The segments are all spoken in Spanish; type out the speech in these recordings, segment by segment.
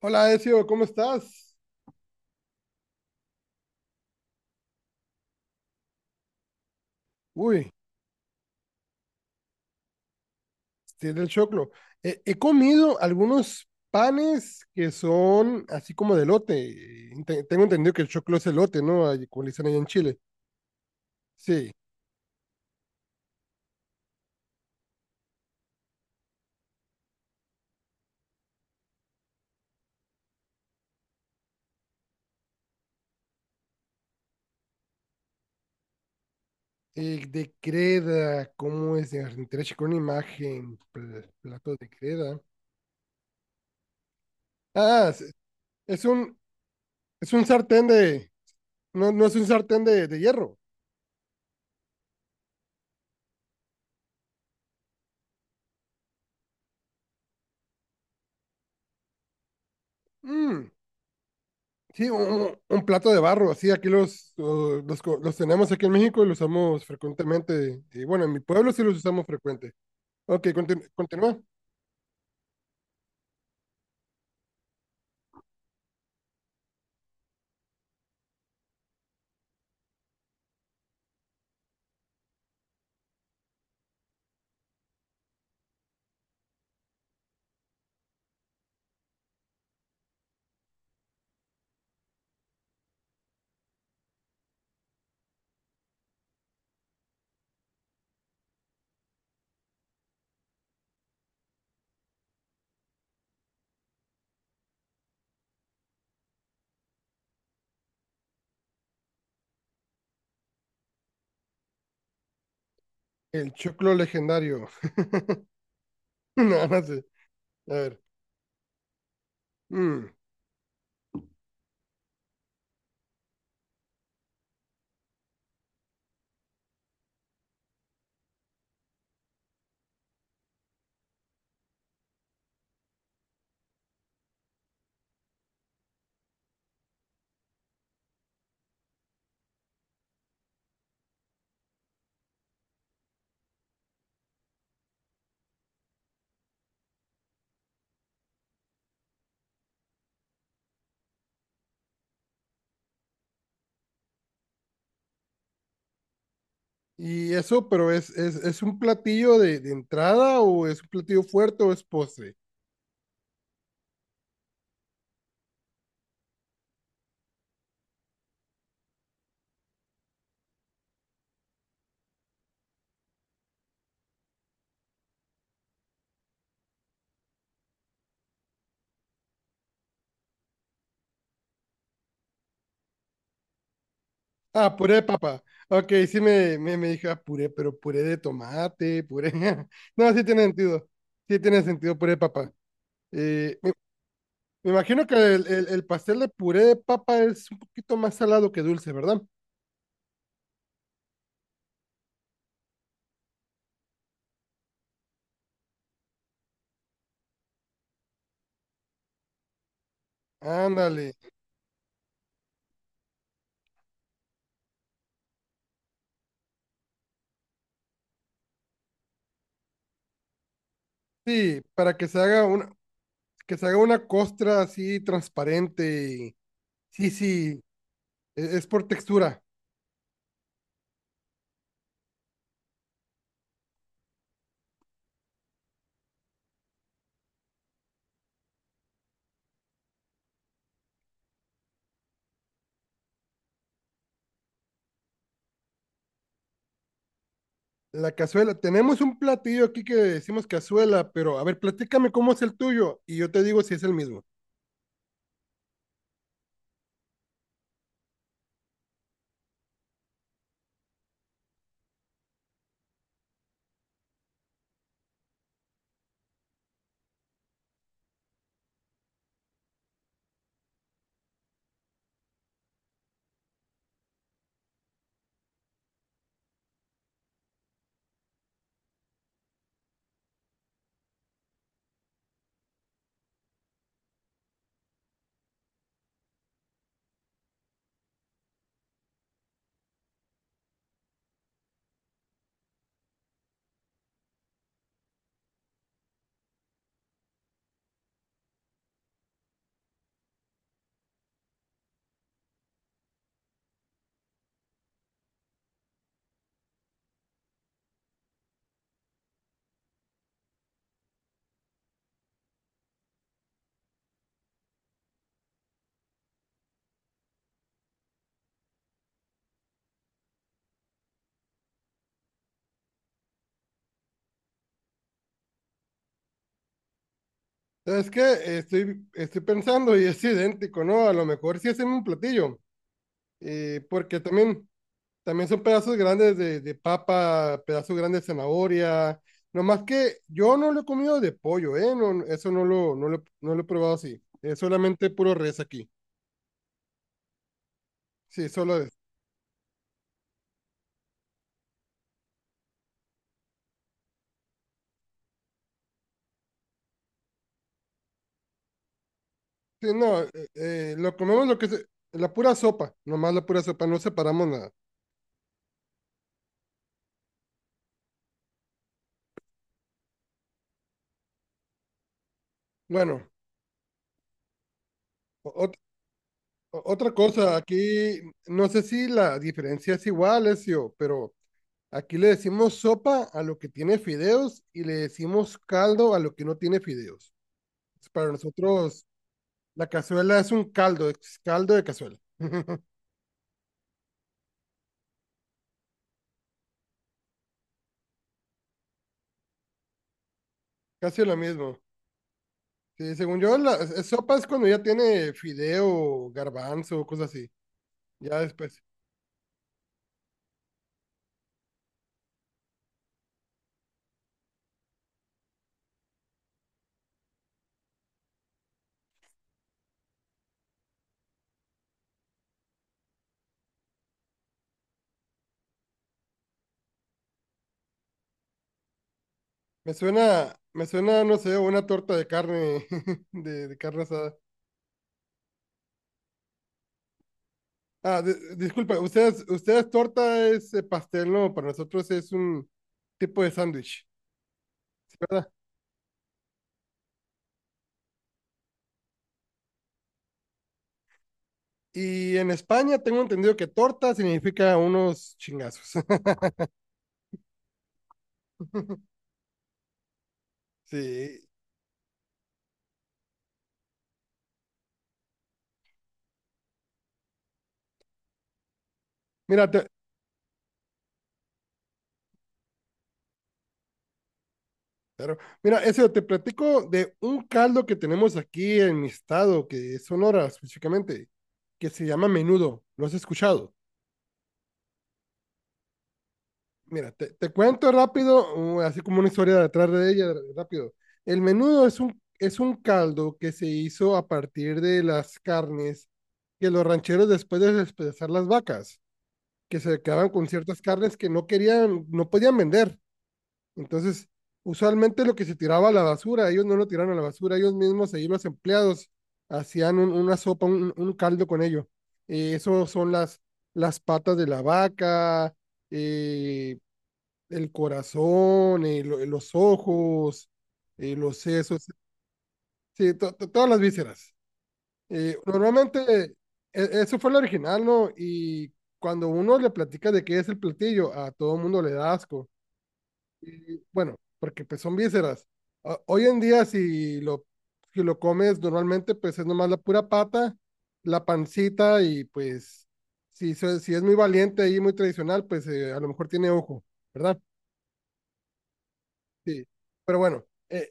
Hola, Ezio, ¿cómo estás? Uy, tiene el choclo. He comido algunos panes que son así como de elote. Tengo entendido que el choclo es elote, ¿no? Ahí como le dicen allá en Chile. Sí. De creda, ¿cómo es? De con imagen, plato de creda. Ah, es, es un, es un sartén de, no, no es un sartén de hierro. Mm. Sí, un plato de barro, así aquí los tenemos aquí en México y los usamos frecuentemente. Y bueno, en mi pueblo sí los usamos frecuente. Ok, continúa. El choclo legendario. No, no sé. A ver. Mm. Y eso, pero es un platillo de entrada o es un platillo fuerte o es postre. Ah, puré, de papá. Ok, sí me dije, ah, puré, pero puré de tomate, puré. No, sí tiene sentido. Sí tiene sentido, puré, de papá. Me imagino que el pastel de puré de papa es un poquito más salado que dulce, ¿verdad? Ándale. Sí, para que se haga una, que se haga una costra así transparente. Y sí, sí, es por textura. La cazuela. Tenemos un platillo aquí que decimos cazuela, pero a ver, platícame cómo es el tuyo y yo te digo si es el mismo. ¿Sabes qué? Estoy pensando y es idéntico, ¿no? A lo mejor sí hacen un platillo, porque también... También son pedazos grandes de papa, pedazos grandes de zanahoria. Nomás que yo no lo he comido de pollo, ¿eh? No, eso no lo he probado así. Es solamente puro res aquí. Sí, solo es. Sí, no, lo comemos lo que es la pura sopa, nomás la pura sopa, no separamos nada. Bueno, o- ot- otra cosa, aquí no sé si la diferencia es igual, Ezio, pero aquí le decimos sopa a lo que tiene fideos y le decimos caldo a lo que no tiene fideos. Para nosotros, la cazuela es un caldo, es caldo de cazuela. Casi lo mismo. Sí, según yo, la sopa es cuando ya tiene fideo, garbanzo, cosas así. Ya después. Me suena, no sé, una torta de carne, de carne asada. Ah, disculpa, ustedes torta es pastel, ¿no? Para nosotros es un tipo de sándwich, ¿sí, ¿verdad? Y en España tengo entendido que torta significa unos chingazos. Sí. Mira, te, Claro. Mira, eso te platico de un caldo que tenemos aquí en mi estado, que es Sonora específicamente, que se llama menudo. ¿Lo has escuchado? Mira, te cuento rápido, así como una historia detrás de ella, rápido. El menudo es un caldo que se hizo a partir de las carnes que los rancheros después de despedazar las vacas, que se quedaban con ciertas carnes que no querían, no podían vender. Entonces, usualmente lo que se tiraba a la basura, ellos no lo tiraron a la basura, ellos mismos, ahí los empleados, hacían una sopa, un caldo con ello. Eso son las patas de la vaca, eh, el corazón, los ojos, los sesos, sí, todas las vísceras. Normalmente, eso fue el original, ¿no? Y cuando uno le platica de qué es el platillo, a todo mundo le da asco y, bueno, porque pues son vísceras. Hoy en día, si lo, si lo comes normalmente, pues es nomás la pura pata, la pancita y pues si, si es muy valiente y muy tradicional, pues a lo mejor tiene ojo, ¿verdad? Sí. Pero bueno,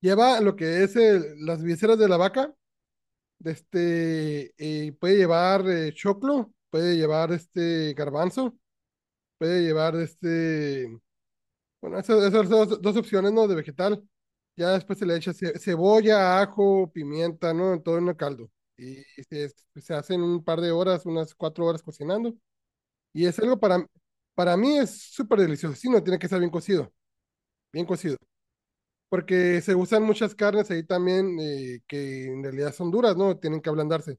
lleva lo que es las vísceras de la vaca, de este, puede llevar choclo, puede llevar este garbanzo, puede llevar este bueno, esas, esas dos, dos opciones, ¿no? De vegetal. Ya después se le echa cebolla, ajo, pimienta, ¿no? En todo en el caldo. Y se, se hacen un par de horas, unas cuatro horas cocinando. Y es algo para mí es súper delicioso. Sí, no tiene que estar bien cocido, bien cocido. Porque se usan muchas carnes ahí también que en realidad son duras, ¿no? Tienen que ablandarse.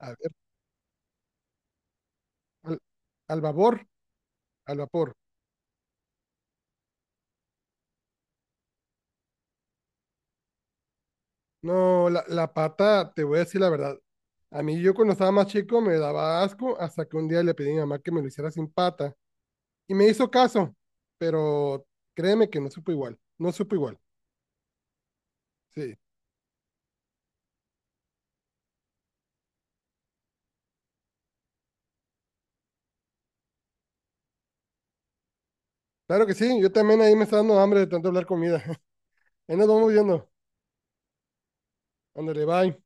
A ver, al, al vapor, al vapor. No, la pata, te voy a decir la verdad. A mí yo cuando estaba más chico me daba asco hasta que un día le pedí a mi mamá que me lo hiciera sin pata y me hizo caso, pero créeme que no supo igual, no supo igual. Sí, claro que sí, yo también ahí me está dando hambre de tanto hablar comida. Ahí nos vamos viendo. Ándale, bye.